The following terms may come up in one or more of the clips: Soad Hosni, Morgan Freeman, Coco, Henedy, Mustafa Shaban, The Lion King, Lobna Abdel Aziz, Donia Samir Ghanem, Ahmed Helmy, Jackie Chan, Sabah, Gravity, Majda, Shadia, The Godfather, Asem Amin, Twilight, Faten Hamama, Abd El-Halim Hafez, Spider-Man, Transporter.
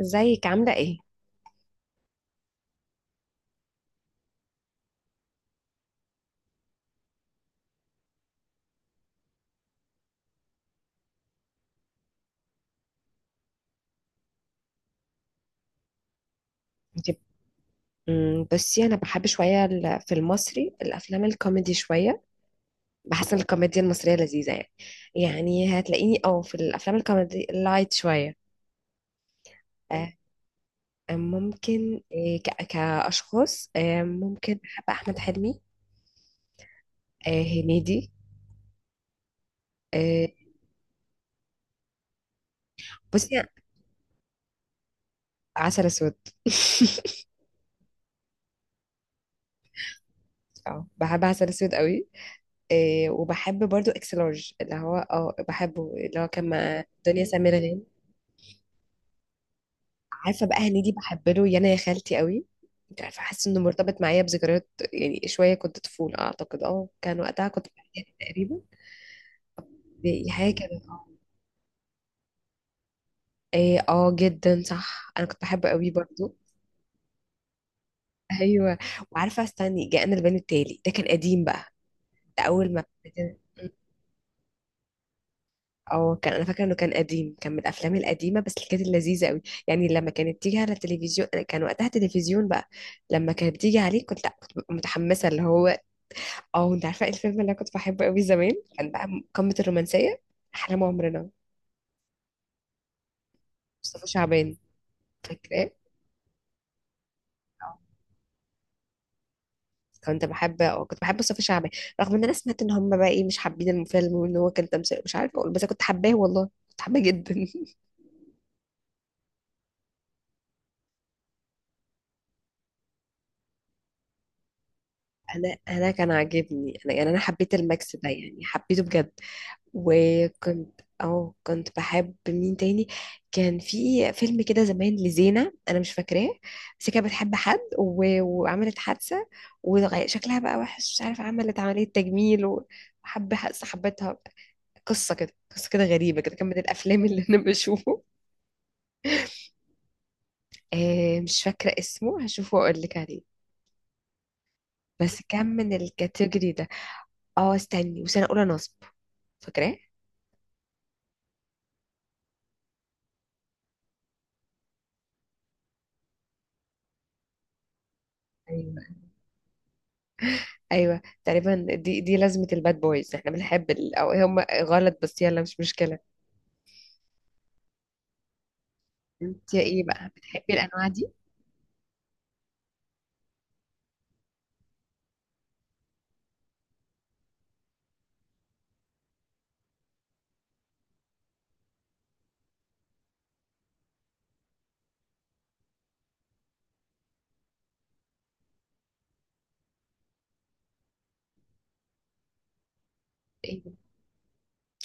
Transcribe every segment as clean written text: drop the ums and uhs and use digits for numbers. ازيك عاملة ايه؟ انت. بصي، انا بحب شوية في المصري الافلام الكوميدي شوية. بحس ان الكوميديا المصرية لذيذة يعني. يعني هتلاقيني او في الافلام الكوميدي اللايت شوية. آه، ممكن، كاشخاص، ممكن بحب احمد حلمي. هنيدي. آه، بصي، عسل اسود. اه، بحب عسل اسود قوي. وبحب برضو اكس لارج، اللي هو بحبه، اللي هو كان مع دنيا سمير غانم. عارفه بقى هنيدي، بحب له يانا يا خالتي قوي. مش عارفه، حاسه انه مرتبط معايا بذكريات يعني شويه، كنت طفوله اعتقد، كان وقتها كنت في اعدادي تقريبا. دي حاجه كده إيه، اه جدا صح، انا كنت بحبه قوي برضو. ايوه، وعارفه، استني جاءنا البيان التالي، ده كان قديم بقى. ده اول ما ابتدينا- اه كان انا فاكره انه كان قديم، كان من الافلام القديمه بس اللي كانت لذيذه قوي. يعني لما كانت تيجي على التلفزيون، أنا كان وقتها تلفزيون بقى. لما كانت بتيجي عليه كنت لا، كنت ببقى متحمسه اللي هو اه انت عارفه ايه الفيلم اللي انا كنت بحبه قوي زمان؟ كان بقى قمه الرومانسيه، احلام عمرنا. مصطفى شعبان. فاكراه؟ اه. كنت بحب، كنت بحب مصطفى شعبان، رغم ان انا سمعت ان هم بقى ايه مش حابين الفيلم وان هو كان تمثيل مش عارفه اقول، بس أنا كنت حباه والله. كنت حباه جدا. انا، كان عاجبني انا، يعني انا حبيت الميكس ده، يعني حبيته بجد. وكنت، كنت بحب مين تاني؟ كان في فيلم كده زمان لزينة انا مش فاكراه، بس كانت بتحب حد، و... وعملت حادثة، وشكلها بقى وحش مش عارفة، عملت عملية تجميل، وحب صاحبتها. قصة كده غريبة كده، كان من الافلام اللي انا بشوفه. آه، مش فاكرة اسمه، هشوفه واقول لك عليه. بس كان من الكاتيجوري ده. اه، استني، وسنة اولى نصب. فاكراه؟ ايوه تقريبا. دي لازمة الباد بويز، احنا بنحب، ال... او إيه، هم غلط بس يلا مش مشكلة. انت ايه بقى، بتحبي الانواع دي؟ ايه،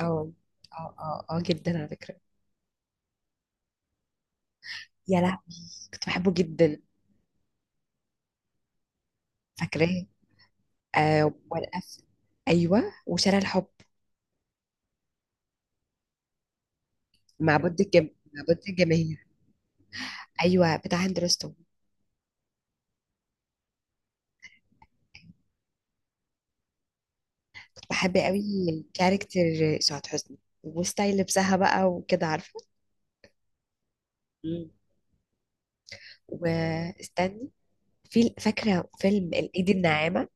اه اه اه، اه جدا على فكرة. يا لهوي كنت بحبه جدا. فاكراه؟ آه، والقفل. ايوه، وشارع الحب. معبود الجماهير. ايوه، بتاع هند رستم. كنت بحب قوي كاركتر سعاد حسني، وستايل لبسها بقى وكده عارفة. مم. واستني، في فاكرة فيلم الايد الناعمة.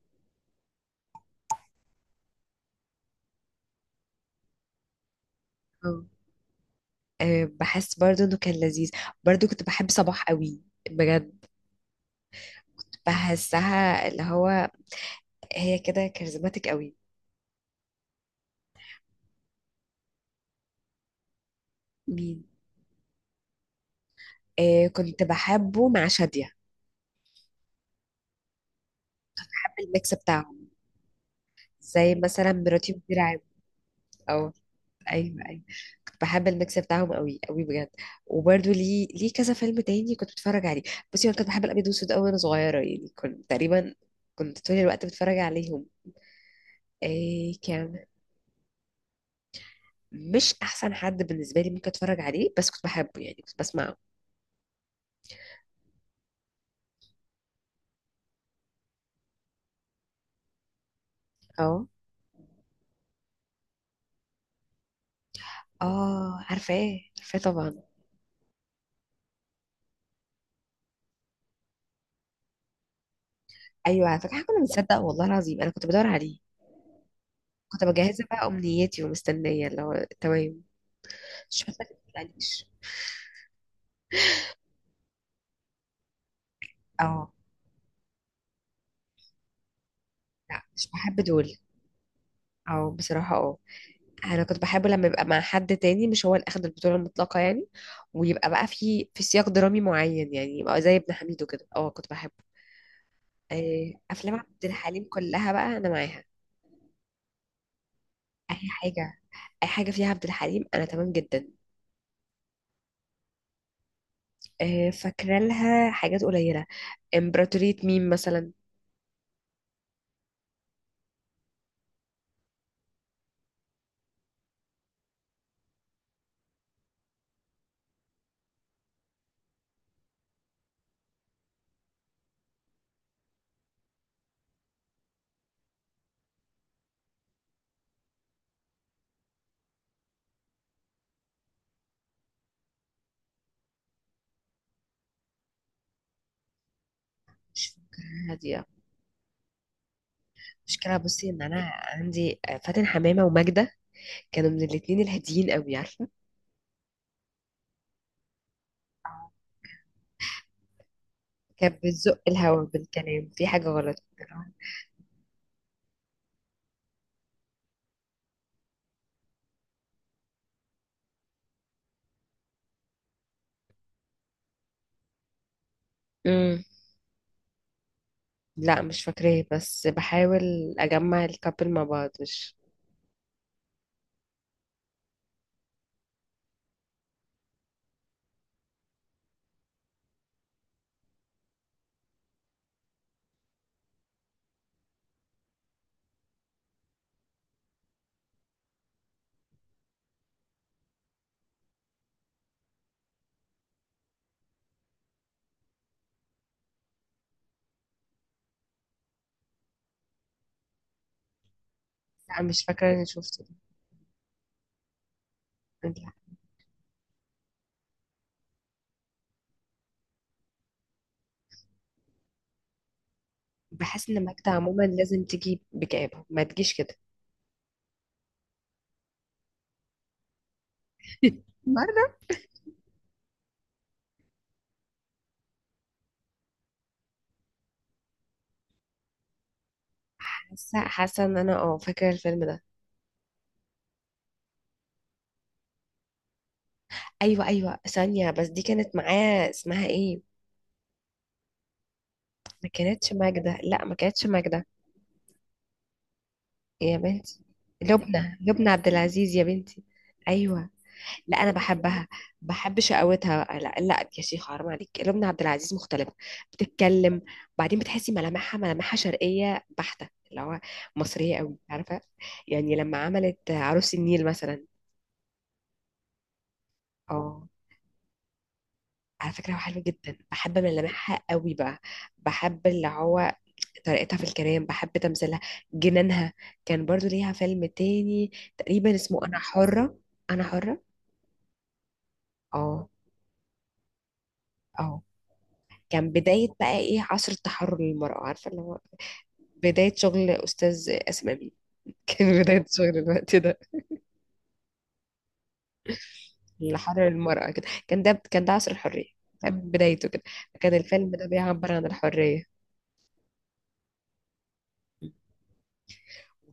أه، بحس برضو انه كان لذيذ. برضو كنت بحب صباح قوي، بجد. بحسها اللي هو، هي كده كاريزماتيك قوي. مين؟ أه، كنت بحبه مع شادية. بحب الميكس بتاعهم، زي مثلا مراتي مدير عام. او ايوه، ايوه. كنت بحب الميكس بتاعهم قوي قوي بجد. وبرضو ليه كذا فيلم تاني كنت بتفرج عليه. بصي، انا كنت بحب الابيض والاسود قوي وانا صغيره، يعني كنت تقريبا كنت طول الوقت بتفرج عليهم. إيه كان، مش احسن حد بالنسبه لي ممكن اتفرج عليه، بس كنت بحبه يعني، كنت بسمع. اه اه، عارفاه عارفاه طبعا. ايوه، على فكره إحنا كنا بنصدق والله العظيم، انا كنت بدور عليه. كنت مجهزه بقى امنيتي ومستنيه اللي هو تمام. مش بس ما تقلقنيش. اه، لا مش بحب دول. اه بصراحه اه. انا كنت بحب لما يبقى مع حد تاني، مش هو اللي اخد البطوله المطلقه يعني. ويبقى بقى في سياق درامي معين، يعني يبقى زي ابن حميدو كده، اه كنت بحبه. آه، افلام عبد الحليم كلها بقى انا معاها. اي حاجه، اي حاجه فيها عبد الحليم انا تمام جدا. آه، فاكره لها حاجات قليله. امبراطورية مين مثلا. مش فاكراها دي. مشكلة بصي، ان انا عندي فاتن حمامة وماجدة، كانوا من الاتنين الهاديين قوي عارفة. كانت بتزق الهوا بالكلام في حاجة غلط. امم لا مش فاكراه، بس بحاول اجمع الكابل مع بعض مش. لا مش فاكرة اني شفته ده. لا. بحس ان ماجدة عموما لازم تجي بجابه، ما تجيش كده. برضه. حاسه ان انا فاكره الفيلم ده. ايوه ايوه، ثانيه بس، دي كانت معاه اسمها ايه؟ ما كانتش ماجدة، لا ما كانتش ماجدة يا بنتي. لبنى، لبنى عبد العزيز يا بنتي. ايوه. لا انا بحبها، بحب شقاوتها. لا لا يا شيخ حرام عليك، لبنى عبد العزيز مختلفه. بتتكلم، بعدين بتحسي ملامحها، شرقيه بحته، اللي هو مصريه قوي عارفه. يعني لما عملت عروس النيل مثلا. اه، على فكرة هو حلو جدا، بحب ملامحها قوي بقى. بحب اللي هو طريقتها في الكلام، بحب تمثيلها، جنانها. كان برضو ليها فيلم تاني، تقريبا اسمه أنا حرة. أنا حرة، اه اه. كان بداية بقى ايه، عصر التحرر للمرأة، عارفة اللي هو بداية شغل أستاذ آسم أمين. كان بداية شغل الوقت ده، اللي حرر المرأة كده. كان ده عصر الحرية، كان بدايته كده. كان الفيلم ده بيعبر عن الحرية.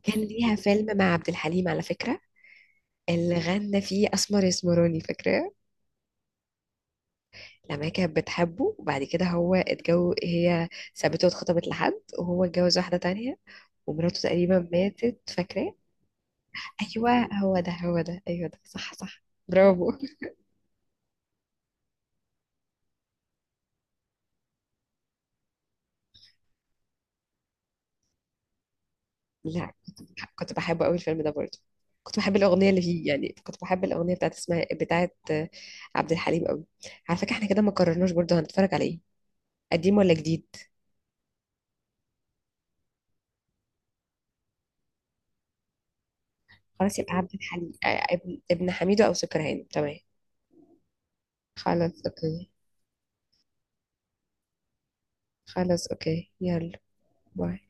كان ليها فيلم مع عبد الحليم على فكرة، اللي غنى فيه اسمر يسمراني. فاكراه؟ لما هي كانت بتحبه، وبعد كده هو اتجوز، هي سابته واتخطبت لحد، وهو اتجوز واحده تانية، ومراته تقريبا ماتت. فاكراه؟ ايوه، هو ده، ايوه ده صح، صح، برافو. لا كنت كنت بحبه قوي الفيلم ده برضه. كنت بحب الاغنيه اللي فيه، يعني كنت بحب الاغنيه بتاعت، اسمها بتاعت عبد الحليم قوي. على فكره احنا كده ما قررناش برضه هنتفرج على ايه، قديم ولا جديد. خلاص يبقى عبد الحليم، ابن حميدو، او سكران تمام. خلاص اوكي. خلاص اوكي يلا. باي.